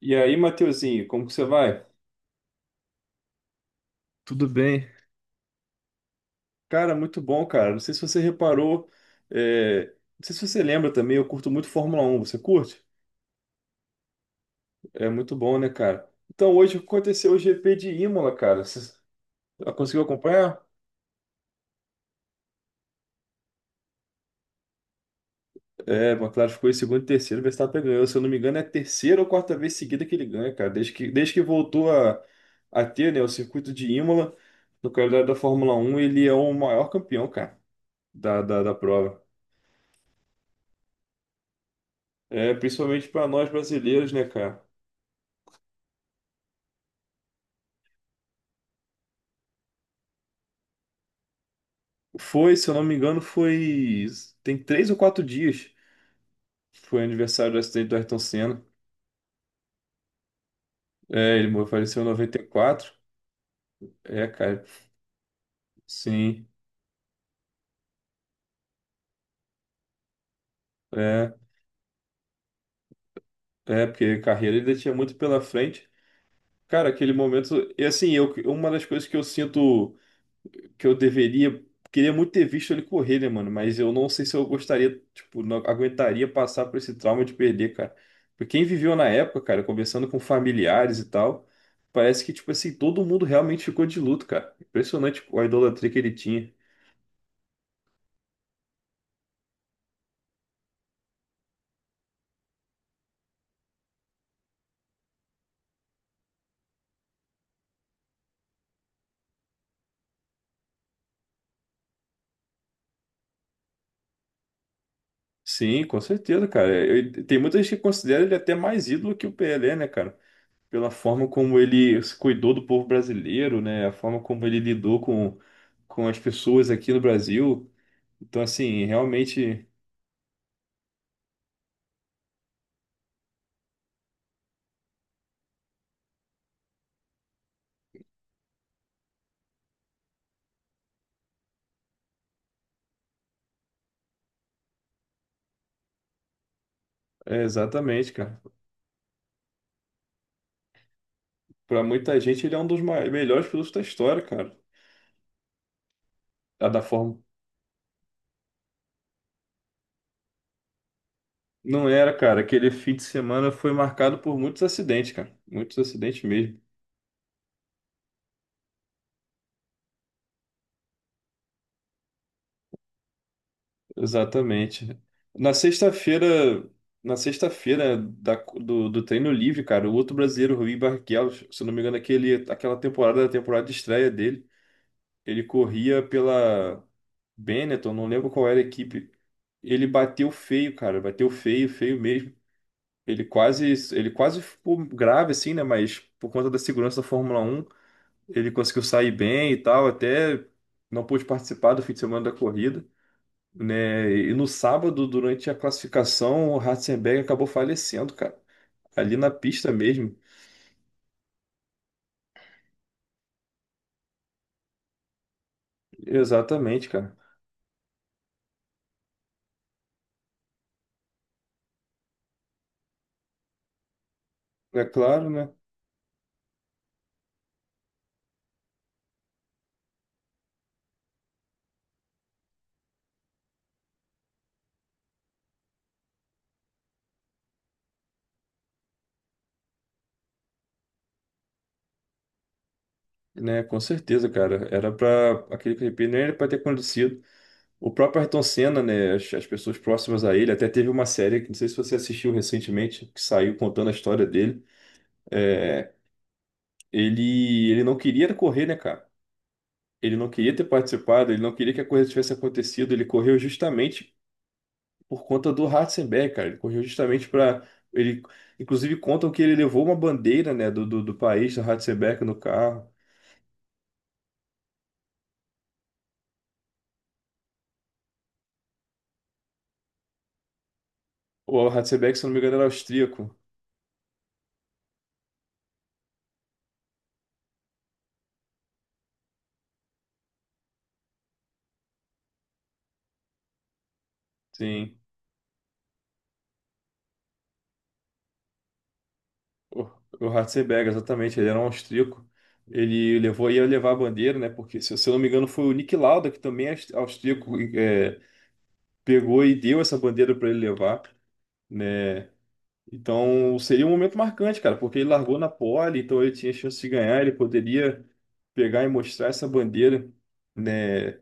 E aí, Mateuzinho, como que você vai? Tudo bem? Cara, muito bom, cara. Não sei se você reparou, não sei se você lembra também, eu curto muito Fórmula Um. Você curte? É muito bom, né, cara? Então, hoje aconteceu o GP de Imola, cara. Você conseguiu acompanhar? É, McLaren ficou em segundo e terceiro, Verstappen ganhou. Se eu não me engano, é a terceira ou quarta vez seguida que ele ganha, cara. Desde que voltou a ter, né, o circuito de Imola no calendário da Fórmula Um, ele é o maior campeão, cara, da prova. É, principalmente para nós brasileiros, né, cara? Foi, se eu não me engano, foi. Tem três ou quatro dias. Foi aniversário do acidente do Ayrton Senna. É, ele morreu- faleceu em 94. É, cara, sim. É, porque carreira ele ainda tinha muito pela frente. Cara, aquele momento. E assim, eu, uma das coisas que eu sinto. Que eu deveria. Queria muito ter visto ele correr, né, mano? Mas eu não sei se eu gostaria, tipo, não aguentaria passar por esse trauma de perder, cara. Porque quem viveu na época, cara, conversando com familiares e tal, parece que, tipo assim, todo mundo realmente ficou de luto, cara. Impressionante a idolatria que ele tinha. Sim, com certeza, cara. Eu- tem muita gente que considera ele até mais ídolo que o PLé, né, cara? Pela forma como ele se cuidou do povo brasileiro, né? A forma como ele lidou com as pessoas aqui no Brasil. Então, assim, realmente. É, exatamente, cara. Pra muita gente, ele é um dos mai- melhores pilotos da história, cara. A da Fórmula. Um. Não era, cara. Aquele fim de semana foi marcado por muitos acidentes, cara. Muitos acidentes mesmo. Exatamente. Na sexta-feira, na sexta-feira da- do, do treino livre, cara, o outro brasileiro, Rui Barrichello, se eu não me engano, aquele, aquela temporada, a temporada de estreia dele, ele corria pela Benetton, não lembro qual era a equipe. Ele bateu feio, cara, bateu feio, feio mesmo. Ele quase, ele quase ficou grave, assim, né? Mas por conta da segurança da Fórmula Um ele conseguiu sair bem e tal. Até não pôde participar do fim de semana da corrida, né? E no sábado, durante a classificação, o Ratzenberger acabou falecendo, cara. Ali na pista mesmo. Exatamente, cara. É claro, né? Né, com certeza, cara. Era para aquele clipe, nem era para ter acontecido. O próprio Ayrton Senna, né? As pessoas próximas a ele, até teve uma série, que não sei se você assistiu recentemente, que saiu contando a história dele. É, ele não queria correr, né, cara? Ele não queria ter participado, ele não queria que a coisa tivesse acontecido, ele correu justamente por conta do Ratzenberger, cara. Ele correu justamente para ele, inclusive contam que ele levou uma bandeira, né, do país do Ratzenberger no carro. O Ratzenberger, se eu não me engano, era austríaco. Sim, o, o Ratzenberger, exatamente, ele era um austríaco. Ele levou, ia levar a bandeira, né? Porque, se eu não me engano, foi o Nick Lauda, que também é aus- austríaco, pegou e deu essa bandeira para ele levar. Né? Então seria um momento marcante, cara, porque ele largou na pole, então ele tinha chance de ganhar, ele poderia pegar e mostrar essa bandeira, né,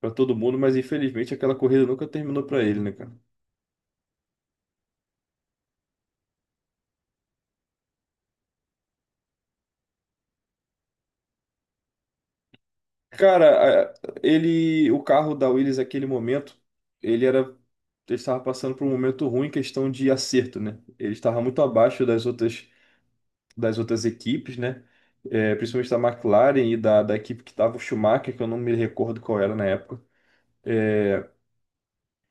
para todo mundo, mas infelizmente aquela corrida nunca terminou para ele, né, cara? Cara, a- ele, o carro da Williams naquele momento, ele era, ele estava passando por um momento ruim em questão de acerto, né? Ele estava muito abaixo das outras equipes, né? É, principalmente da McLaren e da equipe que estava o Schumacher, que eu não me recordo qual era na época. É,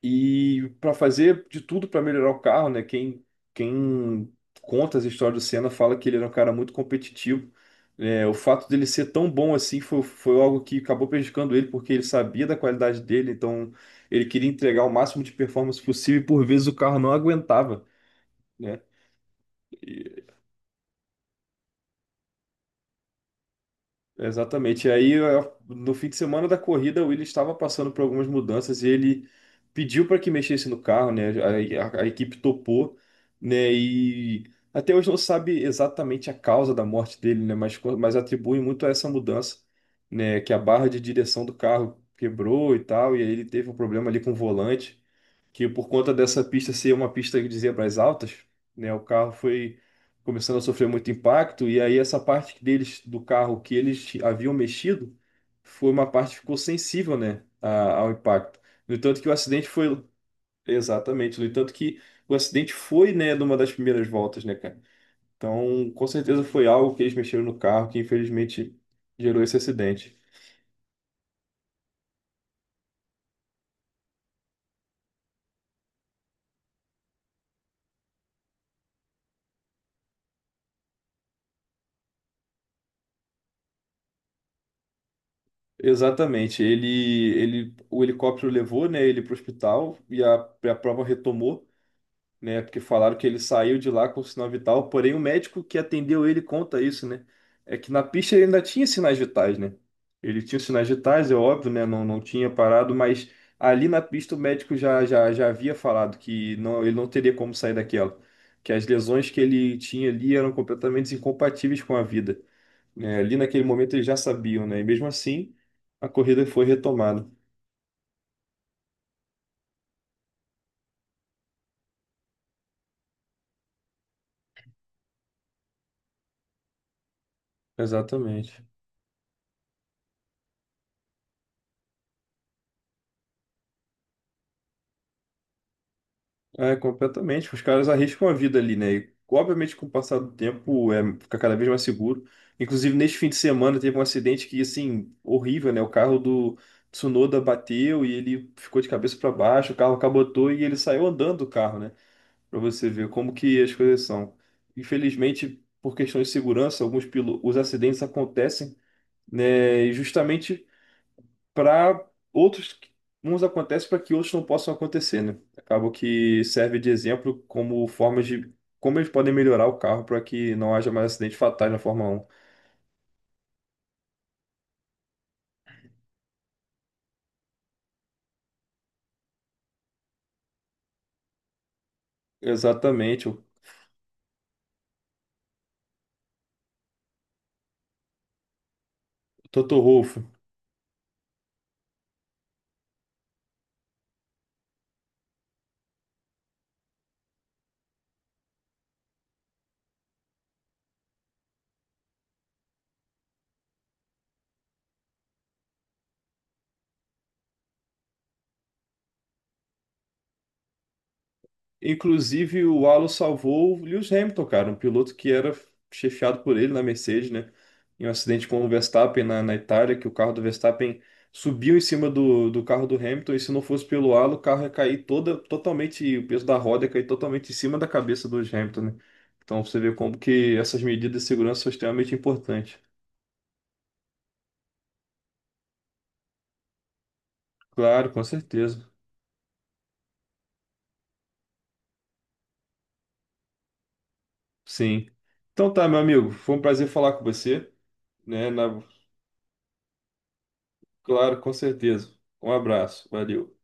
e para fazer de tudo para melhorar o carro, né? Quem, quem conta as histórias do Senna fala que ele era um cara muito competitivo. É, o fato dele ser tão bom assim foi, foi algo que acabou prejudicando ele, porque ele sabia da qualidade dele, então ele queria entregar o máximo de performance possível e por vezes o carro não aguentava, né? Exatamente. E aí, eu- no fim de semana da corrida, o Willis estava passando por algumas mudanças e ele pediu para que mexesse no carro, né? A equipe topou, né? E até hoje não sabe exatamente a causa da morte dele, né? Mas, co- mas atribui muito a essa mudança, né? Que a barra de direção do carro quebrou e tal, e aí ele teve um problema ali com o volante que por conta dessa pista ser uma pista de zebras altas, né, o carro foi começando a sofrer muito impacto e aí essa parte deles do carro que eles haviam mexido foi uma parte que ficou sensível, né, a- ao impacto. No entanto que o acidente foi exatamente, no entanto que o acidente foi, né, numa das primeiras voltas, né, cara. Então, com certeza foi algo que eles mexeram no carro que infelizmente gerou esse acidente. Exatamente. Ele, o helicóptero levou, né, ele para o hospital e a prova retomou, né, porque falaram que ele saiu de lá com sinal vital. Porém, o médico que atendeu ele conta isso, né, é que na pista ele ainda tinha sinais vitais, né. Ele tinha os sinais vitais, é óbvio, né, não, não tinha parado, mas ali na pista o médico já havia falado que não, ele não teria como sair daquela, que as lesões que ele tinha ali eram completamente incompatíveis com a vida. É, ali naquele momento eles já sabiam, né? E mesmo assim, a corrida foi retomada. Exatamente. É, completamente. Os caras arriscam a vida ali, né? E, obviamente, com o passar do tempo, é, fica cada vez mais seguro. Inclusive, neste fim de semana, teve um acidente que, assim, horrível, né? O carro do Tsunoda bateu e ele ficou de cabeça para baixo, o carro capotou e ele saiu andando do carro, né? Para você ver como que as coisas são. Infelizmente, por questões de segurança, alguns pilo... os acidentes acontecem, né? E justamente para outros, uns acontecem para que outros não possam acontecer, né? Acaba que serve de exemplo como formas de como eles podem melhorar o carro para que não haja mais acidente fatais na Fórmula um. Exatamente, o Toto Wolff. Inclusive, o Alonso salvou o Lewis Hamilton, cara, um piloto que era chefiado por ele na Mercedes, né? Em um acidente com o Verstappen na, na Itália, que o carro do Verstappen subiu em cima do, do carro do Hamilton, e se não fosse pelo halo, o carro ia cair toda, totalmente, o peso da roda ia cair totalmente em cima da cabeça do Hamilton, né? Então você vê como que essas medidas de segurança são extremamente importantes. Claro, com certeza. Sim. Então tá, meu amigo, foi um prazer falar com você, né? Na- Claro, com certeza. Um abraço, valeu.